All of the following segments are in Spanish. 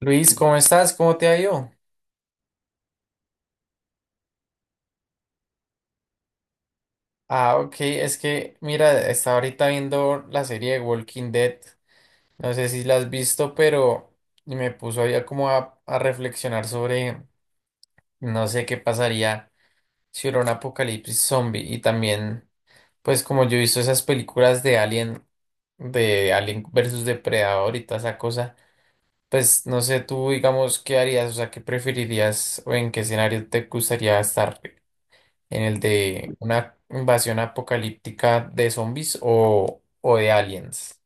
Luis, ¿cómo estás? ¿Cómo te ha ido? Ok, es que mira, estaba ahorita viendo la serie de Walking Dead. No sé si la has visto, pero me puso allá como a reflexionar sobre no sé qué pasaría si hubiera un apocalipsis zombie. Y también, pues como yo he visto esas películas de Alien versus Depredador y toda esa cosa, pues no sé tú, digamos, qué harías, o sea, qué preferirías o en qué escenario te gustaría estar, en el de una invasión apocalíptica de zombies o de aliens.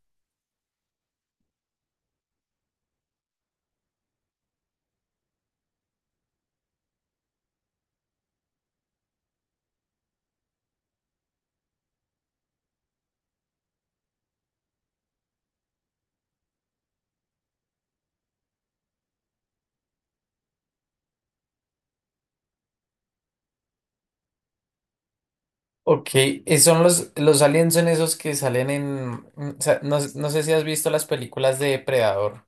Ok, son los aliens son esos que salen en... o sea, no sé si has visto las películas de Depredador.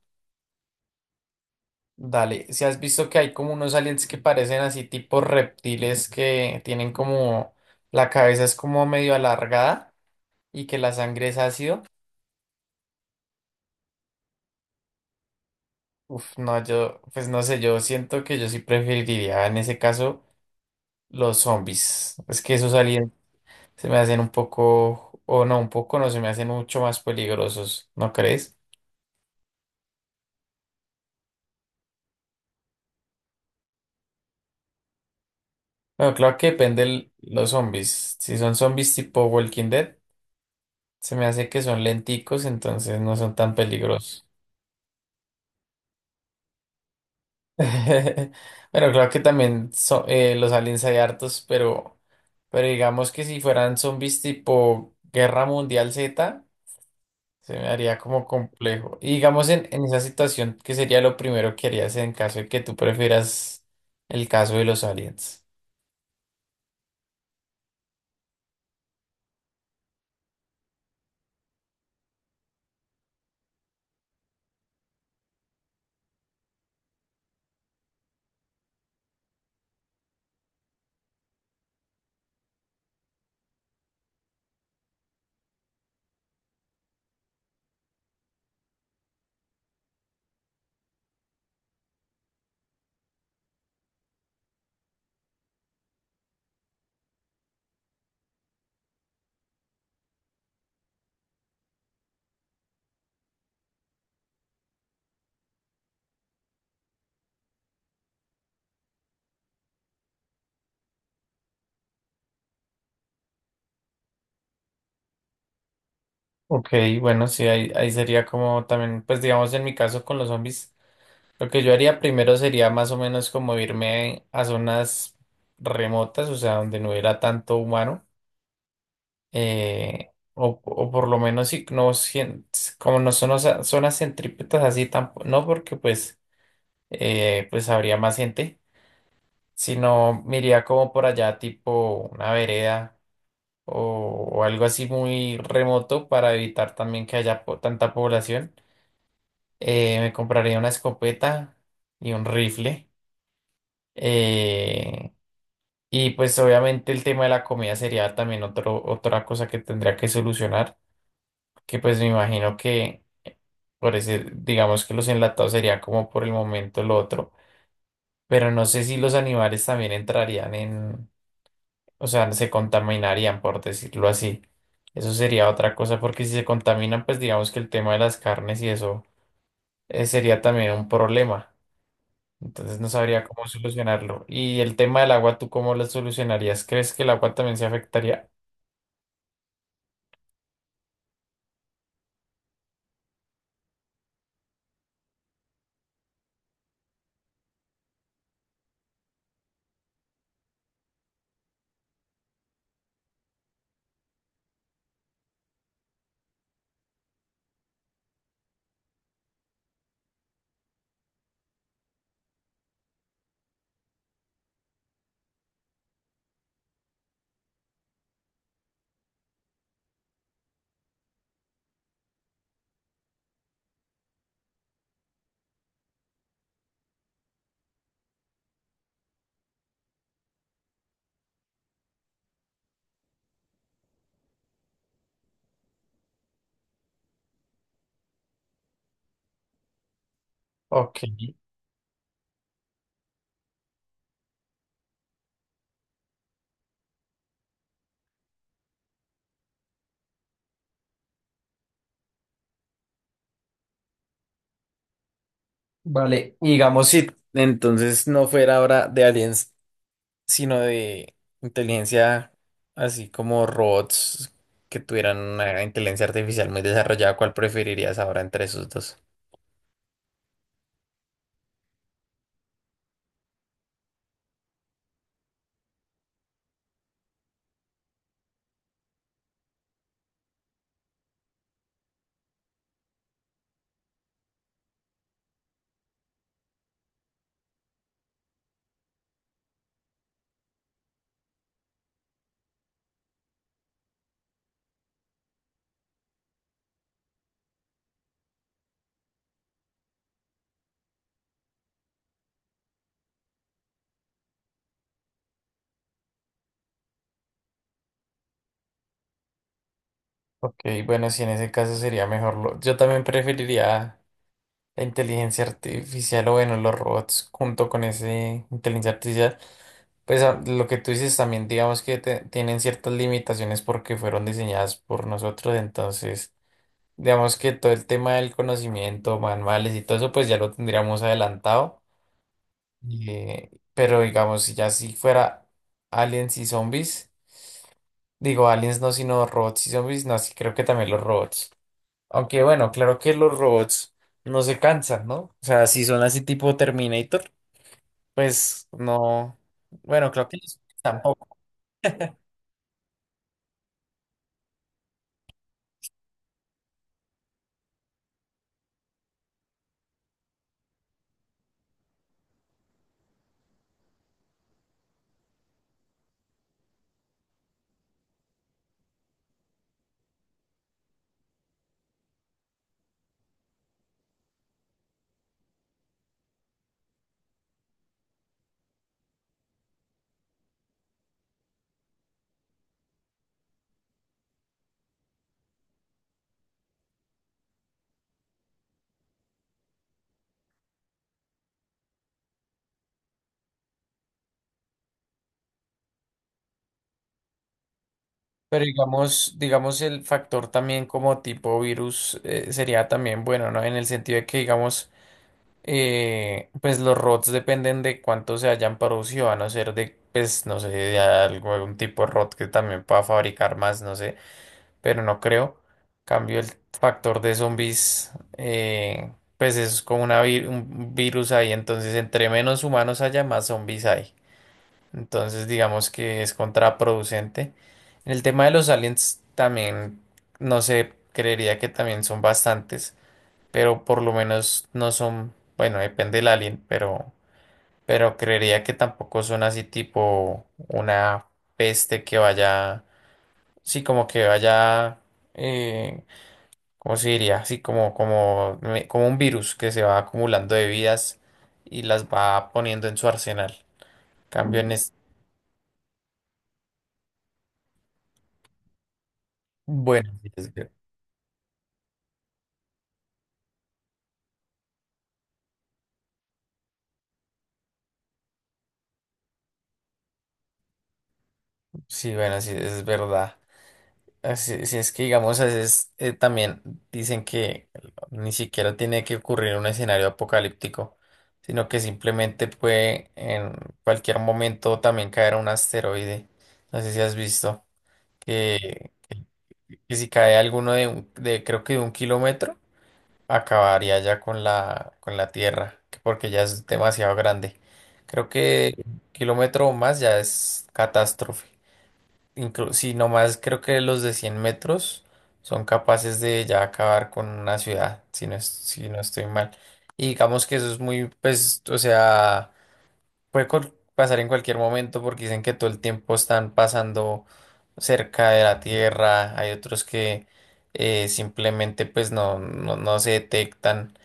Dale, si has visto que hay como unos aliens que parecen así tipo reptiles que tienen como... La cabeza es como medio alargada y que la sangre es ácido. Uf, no, yo, pues no sé, yo siento que yo sí preferiría en ese caso los zombies. Es que esos aliens... Se me hacen un poco, o no, un poco no, se me hacen mucho más peligrosos, ¿no crees? Bueno, claro que los zombies. Si son zombies tipo Walking Dead, se me hace que son lenticos, entonces no son tan peligrosos. Bueno, claro que también los aliens hay hartos, pero digamos que si fueran zombies tipo Guerra Mundial Z, se me haría como complejo. Y digamos en esa situación, ¿qué sería lo primero que harías en caso de que tú prefieras el caso de los aliens? Ok, bueno, sí, ahí sería como también, pues digamos en mi caso con los zombies, lo que yo haría primero sería más o menos como irme a zonas remotas, o sea, donde no hubiera tanto humano. O por lo menos como no son zonas centrípetas así tampoco, no porque pues pues habría más gente, sino me iría como por allá tipo una vereda o algo así muy remoto para evitar también que haya tanta población. Me compraría una escopeta y un rifle. eh, y pues obviamente el tema de la comida sería también otra cosa que tendría que solucionar, que pues me imagino que... Por decir, digamos que los enlatados sería como por el momento el otro, pero no sé si los animales también entrarían en, o sea, se contaminarían, por decirlo así. Eso sería otra cosa, porque si se contaminan, pues digamos que el tema de las carnes y eso sería también un problema. Entonces no sabría cómo solucionarlo. Y el tema del agua, ¿tú cómo lo solucionarías? ¿Crees que el agua también se afectaría? Ok. Vale, y digamos si entonces no fuera ahora de aliens, sino de inteligencia, así como robots que tuvieran una inteligencia artificial muy desarrollada, ¿cuál preferirías ahora entre esos dos? Ok, bueno, si en ese caso sería mejor. Yo también preferiría la inteligencia artificial o bueno, los robots junto con ese inteligencia artificial. Pues lo que tú dices también, digamos que tienen ciertas limitaciones porque fueron diseñadas por nosotros, entonces digamos que todo el tema del conocimiento, manuales y todo eso, pues ya lo tendríamos adelantado. Pero digamos, si fuera aliens y zombies, digo aliens no, sino robots y zombies, no, sí creo que también los robots. Aunque bueno, claro que los robots no se cansan, ¿no? O sea, si son así tipo Terminator, pues no. Bueno, claro que los zombies tampoco. Pero digamos el factor también como tipo virus sería también bueno, ¿no? En el sentido de que digamos pues los ROTs dependen de cuánto se hayan producido, a no ser de, pues no sé, de algo, algún tipo de ROT que también pueda fabricar más, no sé, pero no creo. Cambio el factor de zombies, pues es como una un virus ahí, entonces entre menos humanos haya, más zombies hay. Entonces digamos que es contraproducente. En el tema de los aliens también, no sé, creería que también son bastantes, pero por lo menos no son, bueno, depende del alien, pero creería que tampoco son así tipo una peste que vaya, sí, como que vaya, eh, ¿cómo se diría? Así como un virus que se va acumulando de vidas y las va poniendo en su arsenal. Cambio en es, bueno, sí, bueno, sí, es verdad. Si es que, digamos, a veces también dicen que ni siquiera tiene que ocurrir un escenario apocalíptico, sino que simplemente puede en cualquier momento también caer un asteroide. No sé si has visto que, que si cae de creo que de 1 kilómetro, acabaría ya con con la Tierra, que porque ya es demasiado grande. Creo que 1 kilómetro o más ya es catástrofe sí, nomás creo que los de 100 metros son capaces de ya acabar con una ciudad, si no, si no estoy mal. Y digamos que eso es muy, pues, o sea, puede pasar en cualquier momento porque dicen que todo el tiempo están pasando cerca de la Tierra, hay otros que simplemente pues no se detectan.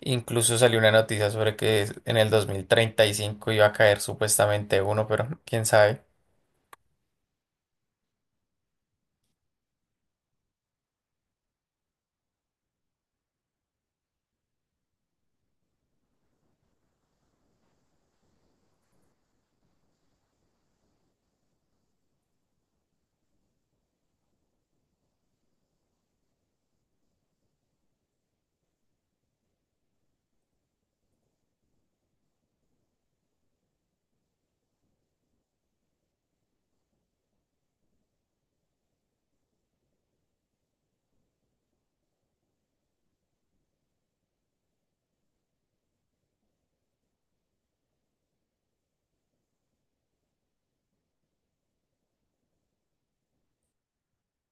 Incluso salió una noticia sobre que en el 2035 iba a caer supuestamente uno, pero quién sabe.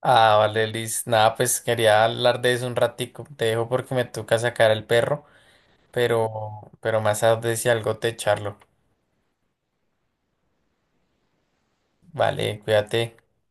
Vale, Liz. Nada, pues quería hablar de eso un ratico. Te dejo porque me toca sacar al perro, pero, pero más tarde si algo te charlo. Vale, cuídate.